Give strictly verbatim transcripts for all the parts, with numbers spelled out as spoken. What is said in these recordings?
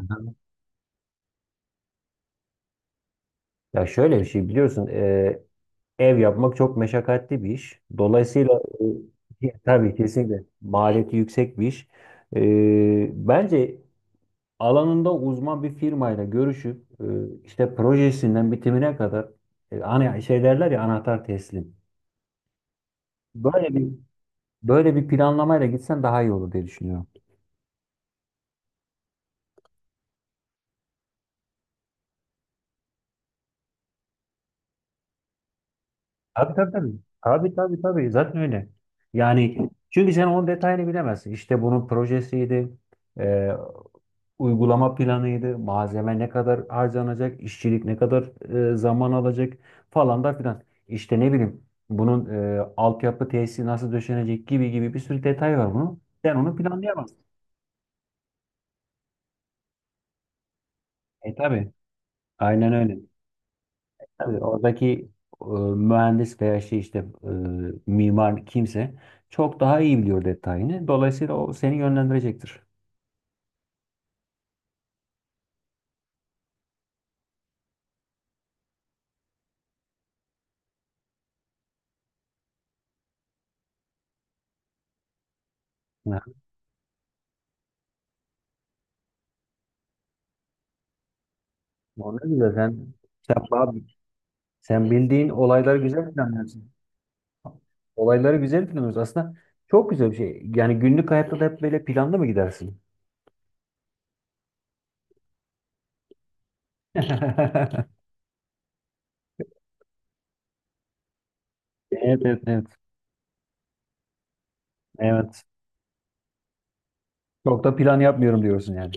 Aha. Ya şöyle bir şey biliyorsun, e, ev yapmak çok meşakkatli bir iş. Dolayısıyla e, tabii kesinlikle maliyeti yüksek bir iş. E, bence alanında uzman bir firmayla görüşüp, e, işte projesinden bitimine kadar, e, hani şey derler ya, anahtar teslim. Böyle bir böyle bir planlamayla gitsen daha iyi olur diye düşünüyorum. Tabii, tabii, tabii. Tabii, tabii, tabii. Zaten öyle. Yani çünkü sen onun detayını bilemezsin. İşte bunun projesiydi, uygulama planıydı, malzeme ne kadar harcanacak, işçilik ne kadar e, zaman alacak falan da filan. İşte ne bileyim bunun e, altyapı tesisi nasıl döşenecek gibi gibi, bir sürü detay var bunun. Sen onu planlayamazsın. E tabii aynen öyle. Tabii oradaki, e, mühendis veya şey işte, e, mimar kimse çok daha iyi biliyor detayını. Dolayısıyla o seni yönlendirecektir. Ha, ona göre sen, sen, sen bildiğin olayları güzel planlıyorsun. Olayları güzel planlıyoruz. Aslında çok güzel bir şey. Yani günlük hayatta da hep böyle planlı mı gidersin? Evet, evet, evet. Evet. Çok da plan yapmıyorum diyorsun yani.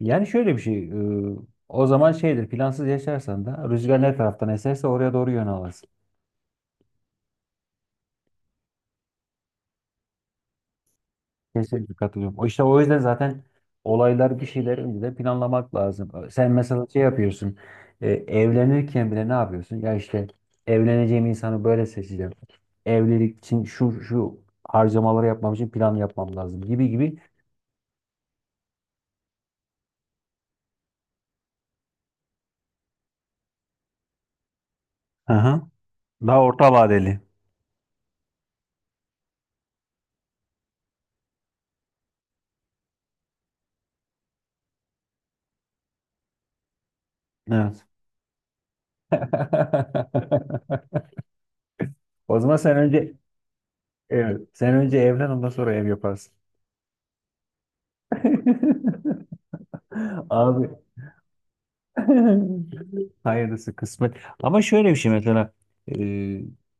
Yani şöyle bir şey. e, O zaman şeydir, plansız yaşarsan da rüzgar ne taraftan eserse oraya doğru yön alırsın. Kesinlikle katılıyorum. O İşte o yüzden zaten olaylar, bir şeyler önceden planlamak lazım. Sen mesela şey yapıyorsun. e, evlenirken bile ne yapıyorsun? Ya işte, evleneceğim insanı böyle seçeceğim. Evlilik için şu şu harcamaları yapmam için plan yapmam lazım, gibi gibi. Hı hı. Daha orta vadeli. Evet. O zaman sen önce evet, sen önce evlen, ondan sonra ev yaparsın. Abi, hayırlısı kısmet. Ama şöyle bir şey mesela, e,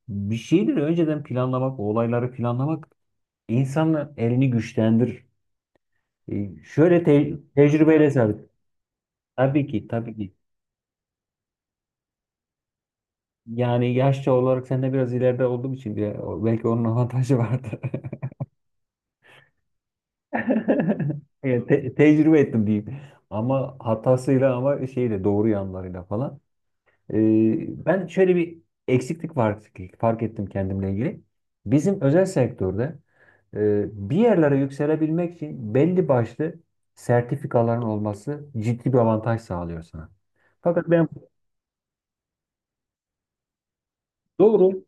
bir şeyleri önceden planlamak, o olayları planlamak insanın elini güçlendirir. E, şöyle te- tecrübeyle sabit. Tabii ki, tabii ki. Yani yaşça olarak senden biraz ileride olduğum için bile o- belki onun avantajı vardı. Yani te- tecrübe ettim diyeyim. Ama hatasıyla, ama şeyle, doğru yanlarıyla falan. Ee, ben şöyle bir eksiklik var, fark ettim kendimle ilgili. Bizim özel sektörde e, bir yerlere yükselebilmek için belli başlı sertifikaların olması ciddi bir avantaj sağlıyor sana. Fakat ben doğru,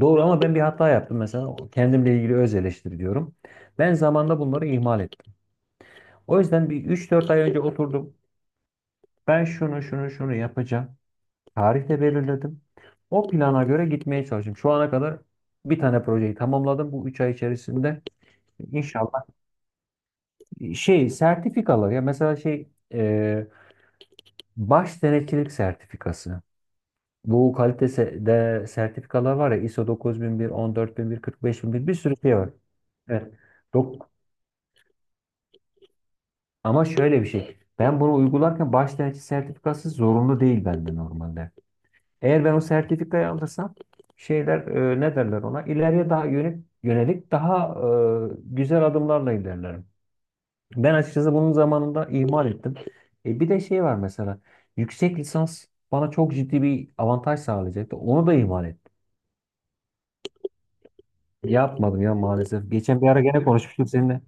doğru, ama ben bir hata yaptım. Mesela kendimle ilgili öz eleştiri diyorum. Ben zamanda bunları ihmal ettim. O yüzden bir üç dört ay önce oturdum. Ben şunu şunu şunu yapacağım. Tarih de belirledim. O plana göre gitmeye çalıştım. Şu ana kadar bir tane projeyi tamamladım bu üç ay içerisinde. İnşallah şey sertifikalar ya, mesela şey, e, baş denetçilik sertifikası. Bu kalitede sertifikalar var ya: ISO dokuz bin bir, on dört bin bir, 45001, bir kırk beş bin bir, bir sürü şey var. Evet. Dok- Ama şöyle bir şey. Ben bunu uygularken baş denetçi sertifikası zorunlu değil bende normalde. Eğer ben o sertifikayı alırsam şeyler, e, ne derler ona, İleriye daha yönelik, yönelik daha e, güzel adımlarla ilerlerim. Ben açıkçası bunun zamanında ihmal ettim. E, bir de şey var mesela. Yüksek lisans bana çok ciddi bir avantaj sağlayacaktı. Onu da ihmal ettim. Yapmadım ya maalesef. Geçen bir ara gene konuşmuştuk seninle.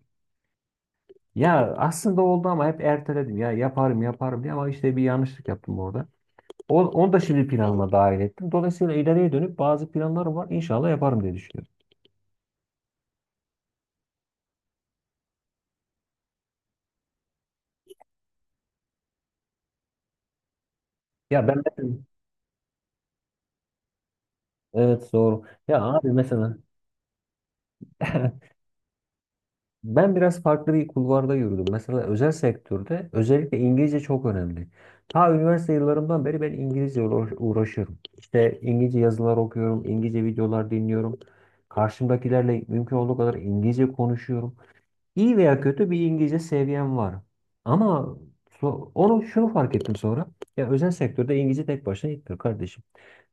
Ya aslında oldu ama hep erteledim. Ya yaparım yaparım diye, ama işte bir yanlışlık yaptım orada. O- Onu da şimdi planıma dahil ettim. Dolayısıyla ileriye dönüp bazı planlarım var. İnşallah yaparım diye düşünüyorum. Ya ben mesela, evet doğru. Ya abi mesela, ben biraz farklı bir kulvarda yürüdüm. Mesela özel sektörde özellikle İngilizce çok önemli. Ta üniversite yıllarımdan beri ben İngilizce uğra- uğraşıyorum. İşte İngilizce yazılar okuyorum, İngilizce videolar dinliyorum. Karşımdakilerle mümkün olduğu kadar İngilizce konuşuyorum. İyi veya kötü bir İngilizce seviyem var. Ama so- onu şunu fark ettim sonra. Ya özel sektörde İngilizce tek başına yetmiyor kardeşim.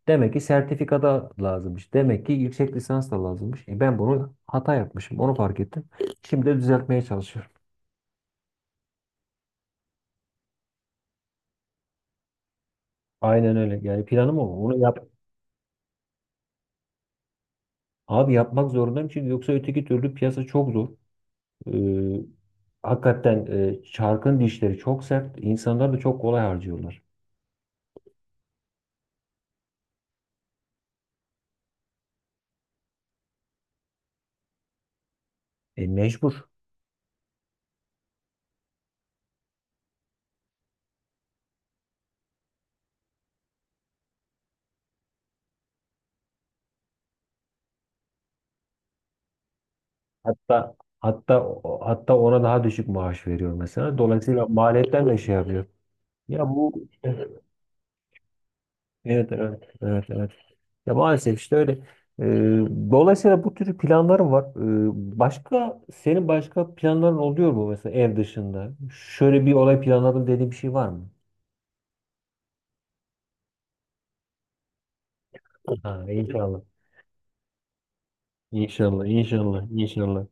Demek ki sertifikada lazımmış. Demek ki yüksek lisans da lazımmış. E ben bunu hata yapmışım. Onu fark ettim. Şimdi de düzeltmeye çalışıyorum. Aynen öyle. Yani planım o. Onu yap. Abi yapmak zorundayım, çünkü yoksa öteki türlü piyasa çok zor. Ee, hakikaten e, çarkın dişleri çok sert. İnsanlar da çok kolay harcıyorlar. E, mecbur. Hatta hatta Hatta ona daha düşük maaş veriyor mesela. Dolayısıyla maliyetten de şey yapıyor. Ya bu işte, Evet, evet, evet, evet. Ya maalesef işte öyle. Ee, dolayısıyla bu tür planlarım var. Ee, başka Senin başka planların oluyor mu mesela, ev dışında? Şöyle bir olay planladım dediğin bir şey var mı? Ha, inşallah. İnşallah, inşallah, inşallah.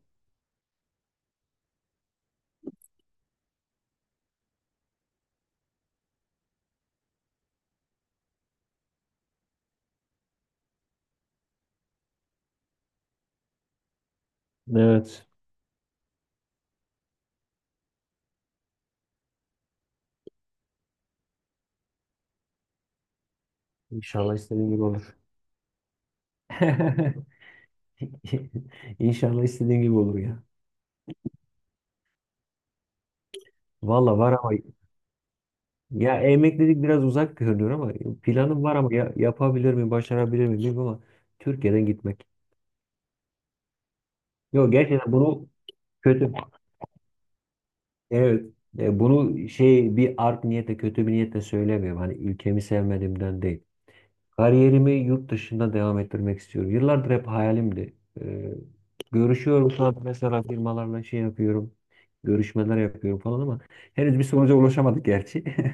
Evet. İnşallah istediğin gibi olur. İnşallah istediğin gibi olur ya. Valla var ama, ya emeklilik biraz uzak görünüyor, ama planım var ama, ya, yapabilir miyim, başarabilir miyim bilmiyorum, ama Türkiye'den gitmek. Yok, gerçekten bunu, kötü. Evet. E, bunu şey bir art niyete, kötü bir niyetle söylemiyorum. Hani ülkemi sevmediğimden değil. Kariyerimi yurt dışında devam ettirmek istiyorum. Yıllardır hep hayalimdi. E, görüşüyorum şu an mesela firmalarla, şey yapıyorum. Görüşmeler yapıyorum falan, ama henüz bir sonuca ulaşamadık gerçi.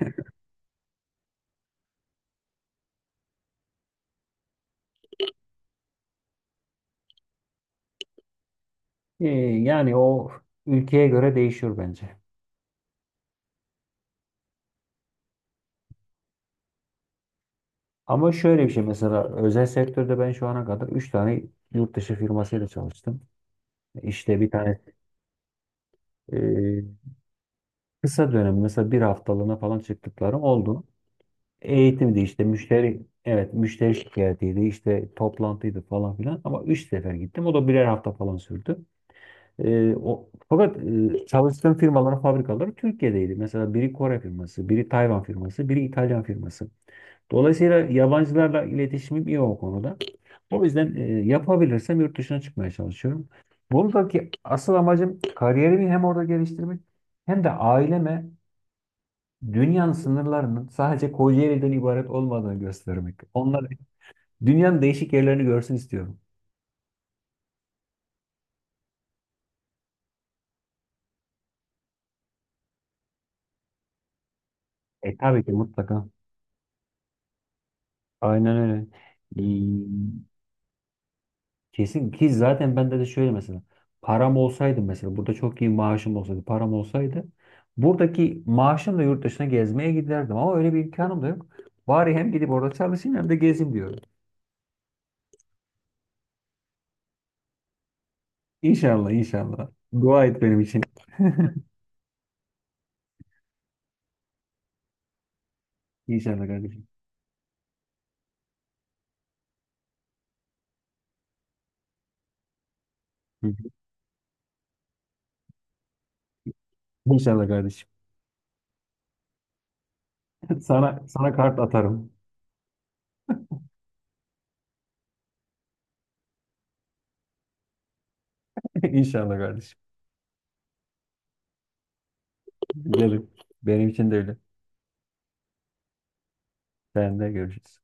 E, yani o ülkeye göre değişiyor bence. Ama şöyle bir şey mesela, özel sektörde ben şu ana kadar üç tane yurt dışı firmasıyla çalıştım. İşte bir tane e, kısa dönem mesela, bir haftalığına falan çıktıkları oldu. Eğitimdi işte, müşteri, evet, müşteri şikayetiydi, işte toplantıydı falan filan, ama üç sefer gittim, o da birer hafta falan sürdü. Ee, o, fakat e, çalıştığım firmaların fabrikaları Türkiye'deydi. Mesela biri Kore firması, biri Tayvan firması, biri İtalyan firması. Dolayısıyla yabancılarla iletişimim iyi o konuda. O yüzden e, yapabilirsem yurt dışına çıkmaya çalışıyorum. Buradaki asıl amacım kariyerimi hem orada geliştirmek, hem de aileme dünyanın sınırlarının sadece Kocaeli'den ibaret olmadığını göstermek. Onlar dünyanın değişik yerlerini görsün istiyorum. E tabii ki mutlaka. Aynen öyle. Ee, kesin ki zaten, bende de şöyle mesela, param olsaydı, mesela burada çok iyi maaşım olsaydı, param olsaydı, buradaki maaşımla yurt dışına gezmeye giderdim, ama öyle bir imkanım da yok. Bari hem gidip orada çalışayım, hem de gezeyim diyorum. İnşallah, inşallah. Dua et benim için. İnşallah kardeşim. Hı hı. İnşallah kardeşim. Sana sana kart atarım. İnşallah kardeşim. Gelin. Benim için de öyle. Sen de görüşürüz.